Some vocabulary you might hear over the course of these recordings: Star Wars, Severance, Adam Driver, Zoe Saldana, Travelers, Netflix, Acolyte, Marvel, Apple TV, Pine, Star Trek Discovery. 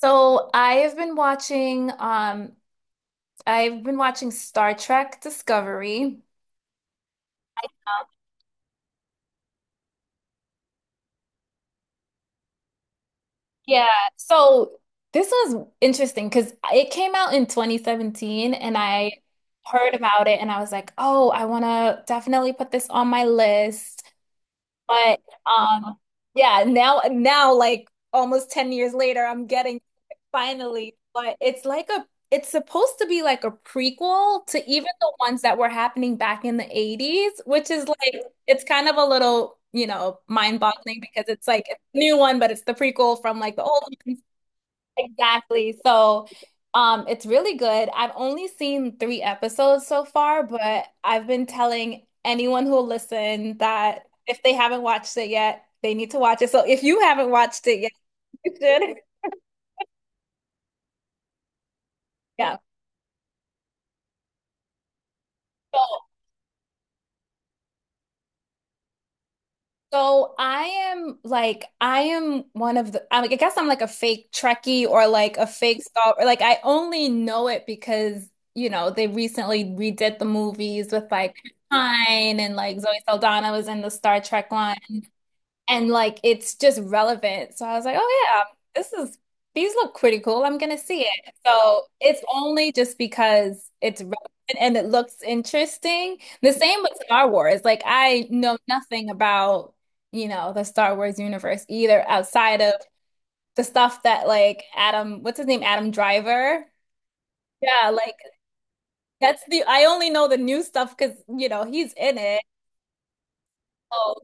So I have been watching I've been watching Star Trek Discovery. Yeah. So this was interesting because it came out in 2017 and I heard about it and I was like, "Oh, I want to definitely put this on my list." But yeah, now like almost 10 years later I'm getting it finally, but it's like a it's supposed to be like a prequel to even the ones that were happening back in the 80s, which is like it's kind of a little, you know, mind-boggling because it's like it's a new one, but it's the prequel from like the old one. Exactly. It's really good. I've only seen three episodes so far, but I've been telling anyone who'll listen that if they haven't watched it yet, they need to watch it. So if you haven't watched it yet, you should. Yeah. So, so I am like I am one of the I guess I'm like a fake Trekkie or like a fake Star or like I only know it because, you know, they recently redid the movies with like Pine and like Zoe Saldana was in the Star Trek line. And like it's just relevant. So I was like, oh yeah, this is these look pretty cool. I'm gonna see it. So it's only just because it's relevant and it looks interesting. The same with Star Wars. Like I know nothing about, you know, the Star Wars universe either outside of the stuff that like Adam, what's his name? Adam Driver. Yeah, like that's the I only know the new stuff because, you know, he's in it. Oh,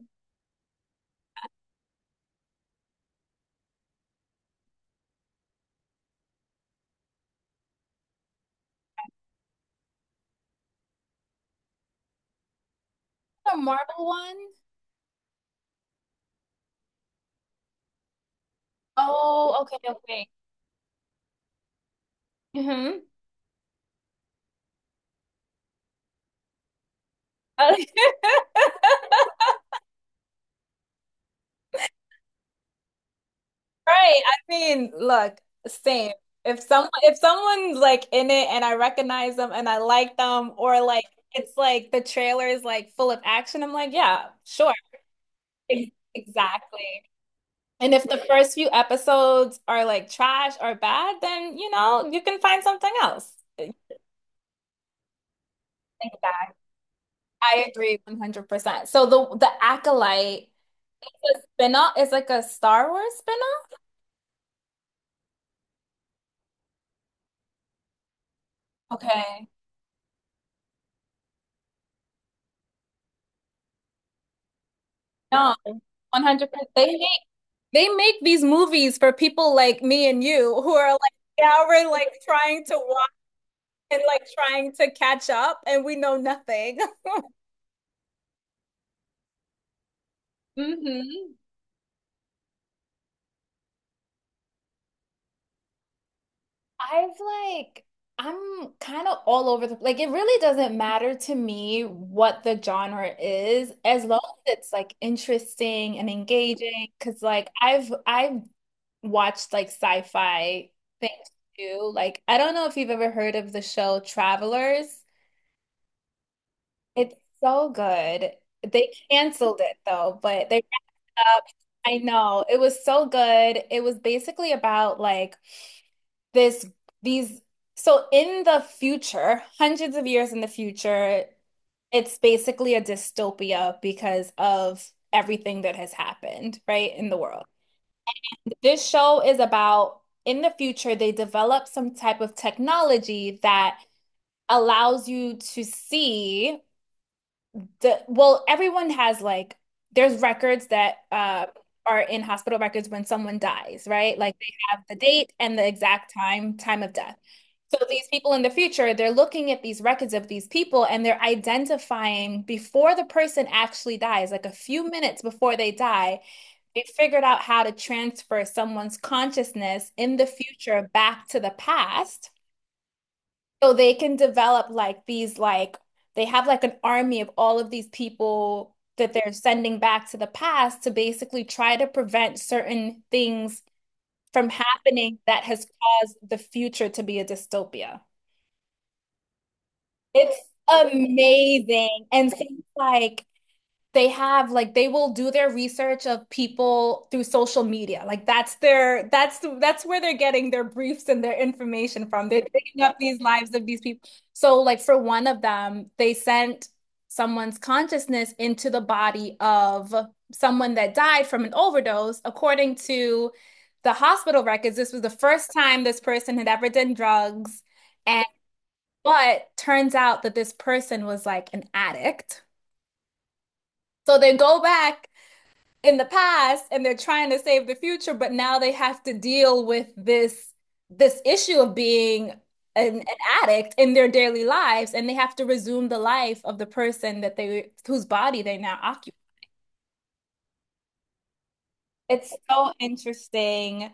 the Marvel one? Oh, okay, okay. Mm-hmm. Right. I mean, look, same. If someone's like in it and I recognize them and I like them, or like it's like the trailer is like full of action, I'm like, yeah, sure. Exactly. And if the first few episodes are like trash or bad, then you know, you can find something else. Think back. I agree 100%. So the Acolyte is a spin-off, is like a Star Wars spin-off? Okay. No, 100%. They make these movies for people like me and you who are like now we're like trying to watch and like trying to catch up and we know nothing. Mm-hmm. I've like I'm kind of all over the like it really doesn't matter to me what the genre is as long as it's like interesting and engaging because like I've watched like sci-fi things too. Like I don't know if you've ever heard of the show Travelers. It's so good. They canceled it though, but they went up. I know. It was so good. It was basically about this, these, so in the future, hundreds of years in the future, it's basically a dystopia because of everything that has happened, right, in the world. This show is about in the future, they develop some type of technology that allows you to see. The well, everyone has like there's records that are in hospital records when someone dies, right? Like they have the date and the exact time of death. So these people in the future, they're looking at these records of these people and they're identifying before the person actually dies, like a few minutes before they die, they figured out how to transfer someone's consciousness in the future back to the past so they can develop like these like they have like an army of all of these people that they're sending back to the past to basically try to prevent certain things from happening that has caused the future to be a dystopia. It's amazing. And things like they have like they will do their research of people through social media. Like that's their that's where they're getting their briefs and their information from. They're picking up these lives of these people. So like for one of them, they sent someone's consciousness into the body of someone that died from an overdose. According to the hospital records, this was the first time this person had ever done drugs. And But turns out that this person was like an addict. So they go back in the past and they're trying to save the future, but now they have to deal with this issue of being an addict in their daily lives and they have to resume the life of the person that they whose body they now occupy. It's so interesting.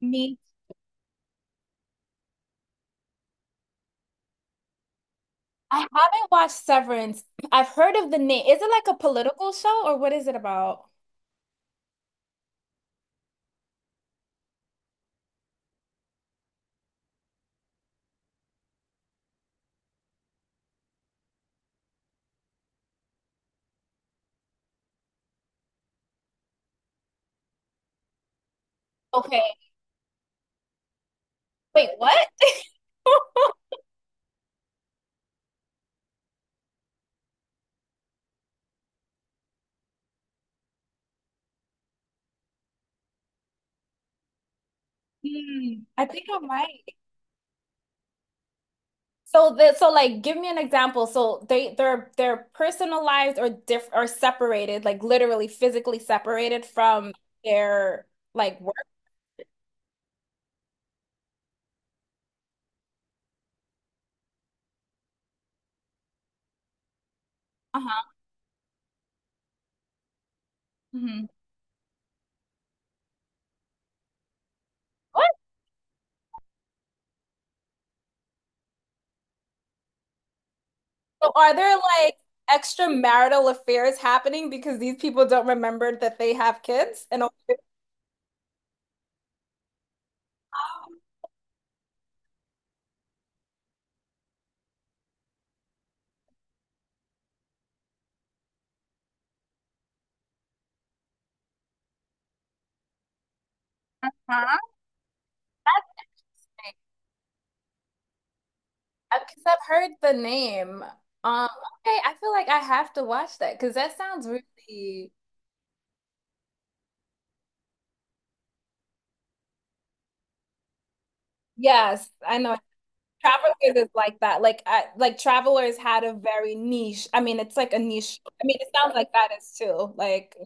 Me, I haven't watched Severance. I've heard of the name. Is it like a political show or what is it about? Okay. Wait, what? Hmm, I think I might. So that, so like give me an example. So they're personalized or diff or separated, like literally physically separated from their like work. Uh-huh. Hmm. What? So are there like extramarital affairs happening because these people don't remember that they have kids? And all- Huh? Because I've heard the name. Um, okay, I feel like I have to watch that because that sounds really, yes, I know. Travelers is like that. Like Travelers had a very niche. I mean, it's like a niche. I mean, it sounds like that is too. Like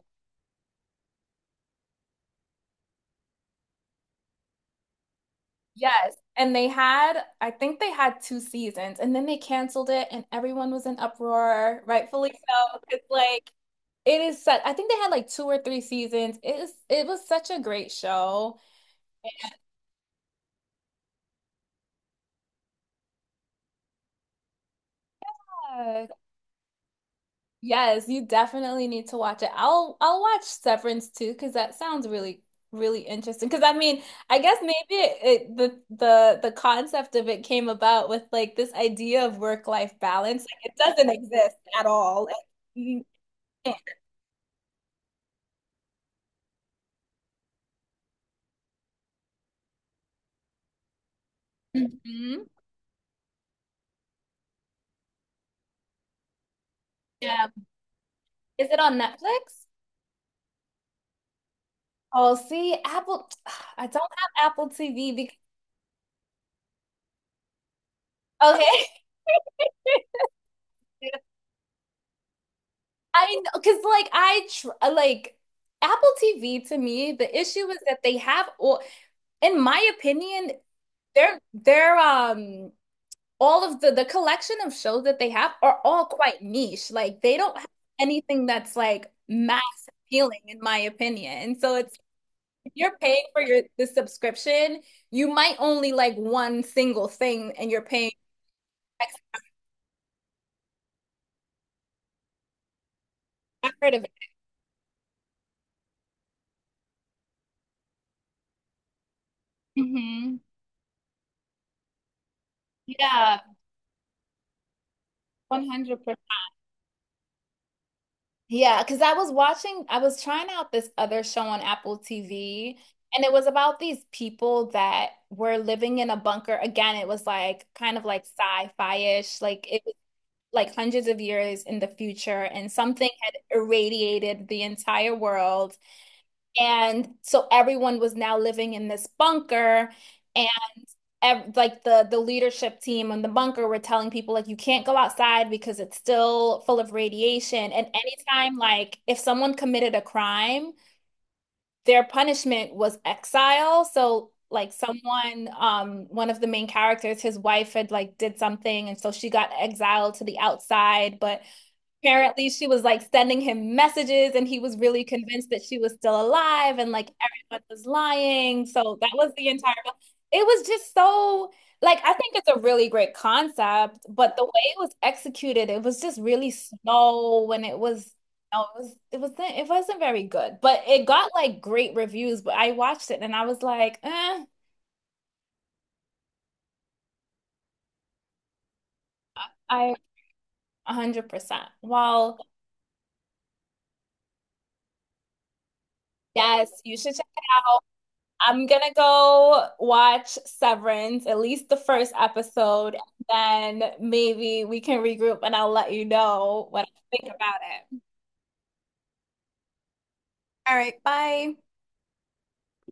yes. And they had, I think they had two seasons and then they canceled it and everyone was in uproar, rightfully so. It's like it is such, I think they had like two or three seasons. It was such a great show. Yes. Yes, you definitely need to watch it. I'll watch Severance too because that sounds really really interesting. Because I mean, I guess maybe it, it the the concept of it came about with like this idea of work-life balance. Like it doesn't exist at all. Like, you can't. Mhm. Yeah. Is it on Netflix? Oh, see, Apple. I don't have Apple TV because okay. I know, because like I tr like Apple TV to me, the issue is that they have all. In my opinion, they're all of the collection of shows that they have are all quite niche. Like they don't have anything that's like mass appealing in my opinion. And so it's if you're paying for your the subscription, you might only like one single thing and you're paying X amount of it. Mhm. Yeah, 100%. Yeah, because I was watching, I was trying out this other show on Apple TV, and it was about these people that were living in a bunker. Again, it was like kind of like sci-fi-ish, like it was like hundreds of years in the future, and something had irradiated the entire world. And so everyone was now living in this bunker ev like the leadership team and the bunker were telling people like you can't go outside because it's still full of radiation. And anytime like if someone committed a crime, their punishment was exile. So like someone, one of the main characters, his wife had like did something, and so she got exiled to the outside, but apparently she was like sending him messages and he was really convinced that she was still alive and like everyone was lying. So that was the entire it was just so like I think it's a really great concept, but the way it was executed, it was just really slow and it was no, it was it wasn't very good. But it got like great reviews, but I watched it and I was like, eh, I 100%. Well, yes, you should check it out. I'm gonna go watch Severance, at least the first episode, and then maybe we can regroup and I'll let you know what I think about it. All right, bye.